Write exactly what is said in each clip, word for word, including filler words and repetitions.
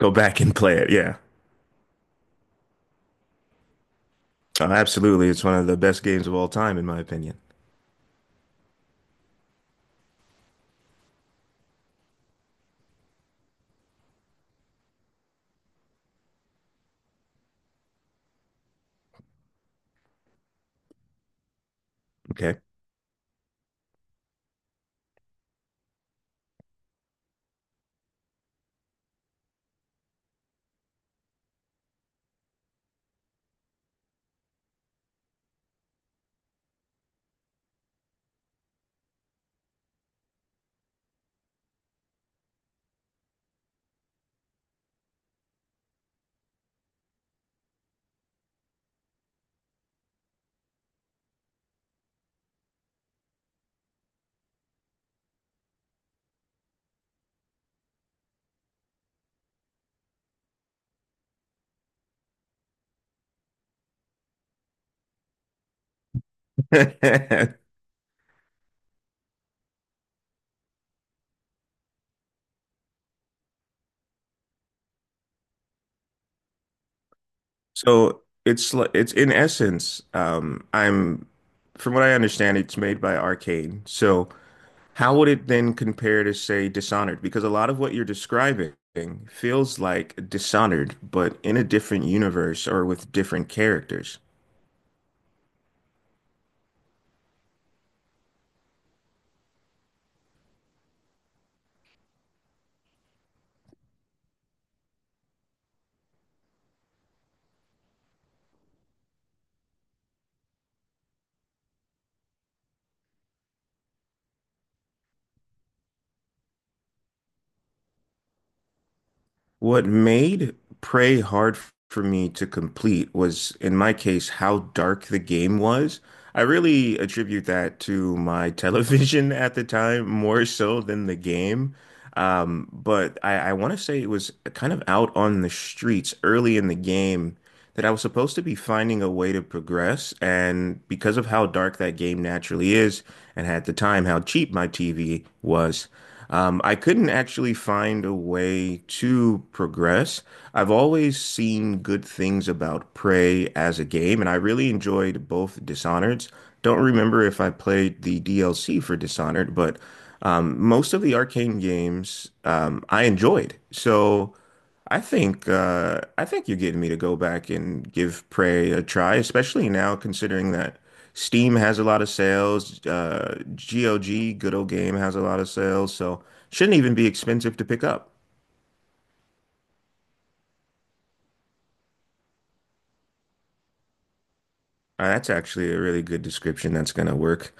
Go back and play it. Yeah. Uh, absolutely. It's one of the best games of all time, in my opinion. Okay. So it's li- it's in essence, um, I'm from what I understand, it's made by Arcane. So how would it then compare to, say, Dishonored? Because a lot of what you're describing feels like Dishonored, but in a different universe or with different characters. What made Prey hard f- for me to complete was, in my case, how dark the game was. I really attribute that to my television at the time more so than the game. Um, but I, I want to say it was kind of out on the streets early in the game that I was supposed to be finding a way to progress. And because of how dark that game naturally is, and at the time how cheap my T V was, um, I couldn't actually find a way to progress. I've always seen good things about Prey as a game, and I really enjoyed both Dishonored's. Don't remember if I played the D L C for Dishonored, but. Um, most of the arcane games um, I enjoyed. So I think uh, I think you're getting me to go back and give Prey a try, especially now considering that Steam has a lot of sales. Uh, GOG, Good Old Game, has a lot of sales, so shouldn't even be expensive to pick up. Uh, that's actually a really good description. That's gonna work.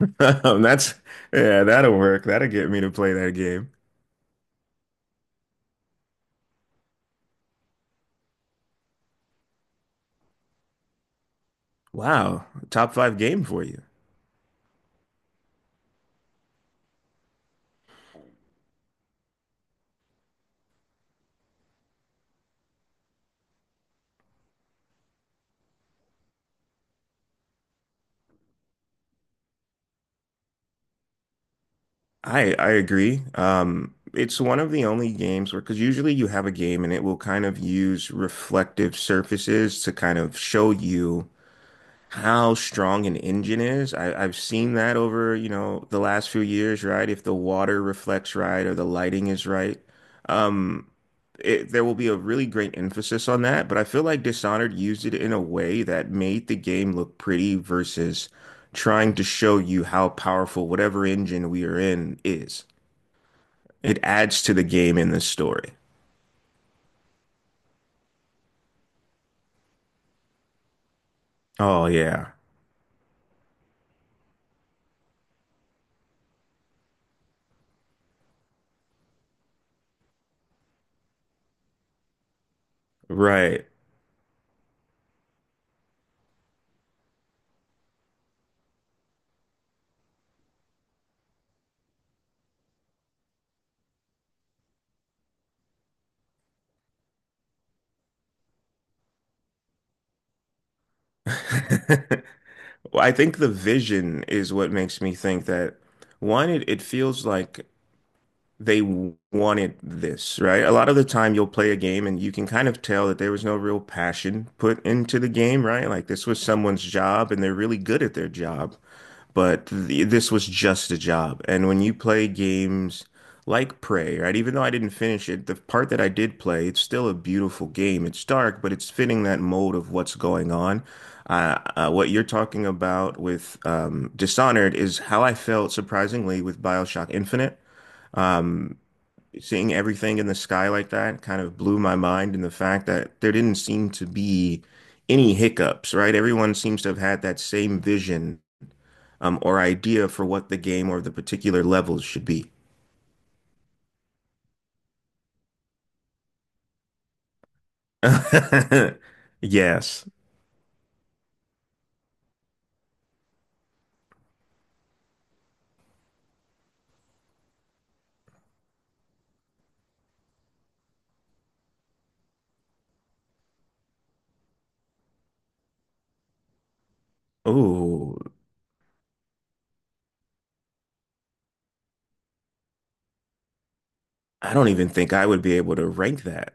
Um, that's Yeah, that'll work. That'll get me to play that game. Wow, top five game for you. I I agree. Um, it's one of the only games where, because usually you have a game and it will kind of use reflective surfaces to kind of show you how strong an engine is. I, I've seen that over, you know, the last few years, right? If the water reflects right or the lighting is right, um, it, there will be a really great emphasis on that. But I feel like Dishonored used it in a way that made the game look pretty versus trying to show you how powerful whatever engine we are in is. It adds to the game in this story. Oh yeah, right. Well, I think the vision is what makes me think that one, it, it feels like they w- wanted this, right? A lot of the time you'll play a game and you can kind of tell that there was no real passion put into the game, right? Like this was someone's job and they're really good at their job. But th this was just a job. And when you play games like Prey, right? Even though I didn't finish it, the part that I did play, it's still a beautiful game. It's dark, but it's fitting that mold of what's going on. Uh, uh, what you're talking about with um, Dishonored is how I felt surprisingly with BioShock Infinite. Um, Seeing everything in the sky like that kind of blew my mind, and the fact that there didn't seem to be any hiccups, right? Everyone seems to have had that same vision um, or idea for what the game or the particular levels should be. Yes. Oh, I don't even think I would be able to rank that.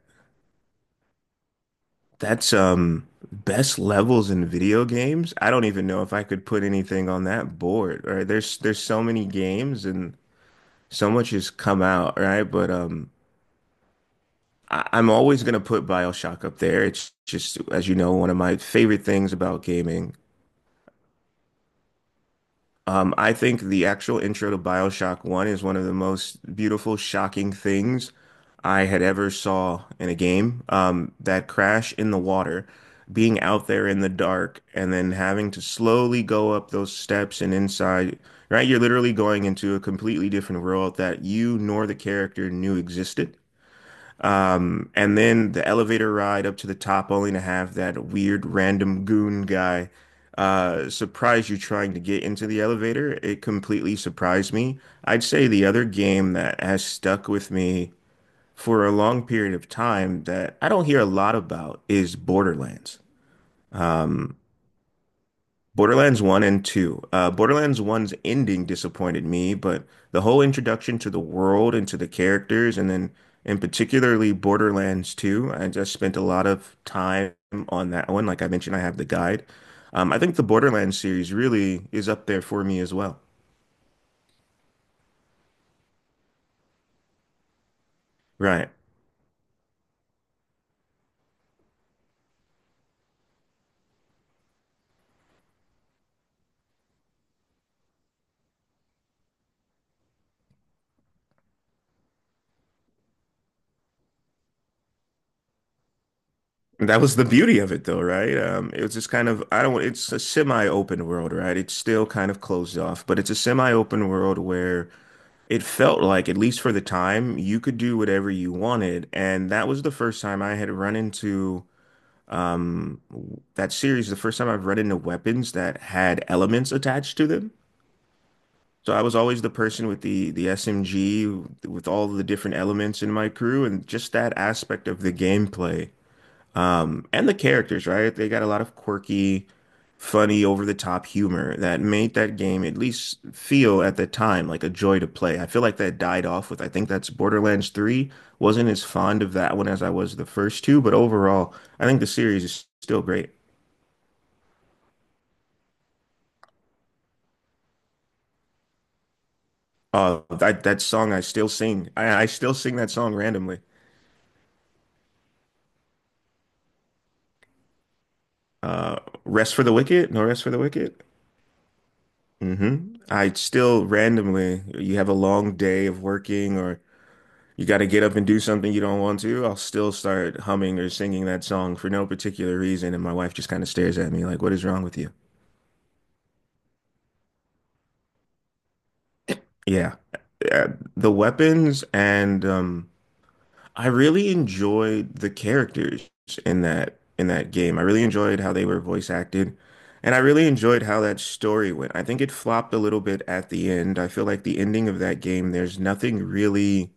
That's um Best levels in video games. I don't even know if I could put anything on that board. Right? There's there's so many games and so much has come out, right? But um I, I'm always gonna put BioShock up there. It's just, as you know, one of my favorite things about gaming. Um, I think the actual intro to BioShock one is one of the most beautiful, shocking things I had ever saw in a game. Um, that crash in the water, being out there in the dark, and then having to slowly go up those steps and inside, right? You're literally going into a completely different world that you nor the character knew existed. Um, and then the elevator ride up to the top, only to have that weird random goon guy uh, surprise you trying to get into the elevator. It completely surprised me. I'd say the other game that has stuck with me for a long period of time that I don't hear a lot about is Borderlands. Um, Borderlands one and two. Uh, Borderlands one's ending disappointed me, but the whole introduction to the world and to the characters, and then in particularly Borderlands two, I just spent a lot of time on that one. Like I mentioned, I have the guide. Um, I think the Borderlands series really is up there for me as well. Right. And that was the beauty of it though, right? Um, it was just kind of, I don't, it's a semi-open world, right? It's still kind of closed off, but it's a semi-open world where it felt like, at least for the time, you could do whatever you wanted. And that was the first time I had run into that series, the first time I've run into weapons that had elements attached to them. So I was always the person with the the S M G with all the different elements in my crew, and just that aspect of the gameplay and the characters, right? They got a lot of quirky, funny, over-the-top humor that made that game at least feel at the time like a joy to play. I feel like that died off with, I think that's Borderlands three. Wasn't as fond of that one as I was the first two, but overall, I think the series is still great. Uh, that that song I still sing. I, I still sing that song randomly. Uh, Rest for the Wicked, no rest for the wicked. Hmm. I still randomly, you have a long day of working or you got to get up and do something you don't want to, I'll still start humming or singing that song for no particular reason. And my wife just kind of stares at me like, what is wrong with you? Yeah. Uh, The weapons and um, I really enjoyed the characters in that in that game. I really enjoyed how they were voice acted. And I really enjoyed how that story went. I think it flopped a little bit at the end. I feel like the ending of that game, there's nothing really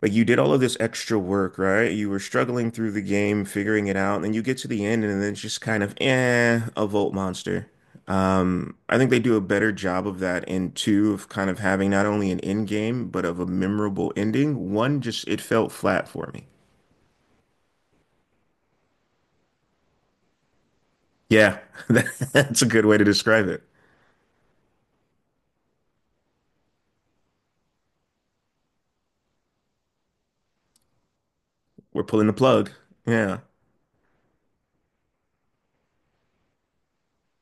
like you did all of this extra work, right? You were struggling through the game, figuring it out, and then you get to the end, and then it's just kind of eh, a Volt monster. Um, I think they do a better job of that in two of kind of having not only an end game, but of a memorable ending. One just it felt flat for me. Yeah, that's a good way to describe it. We're pulling the plug. Yeah.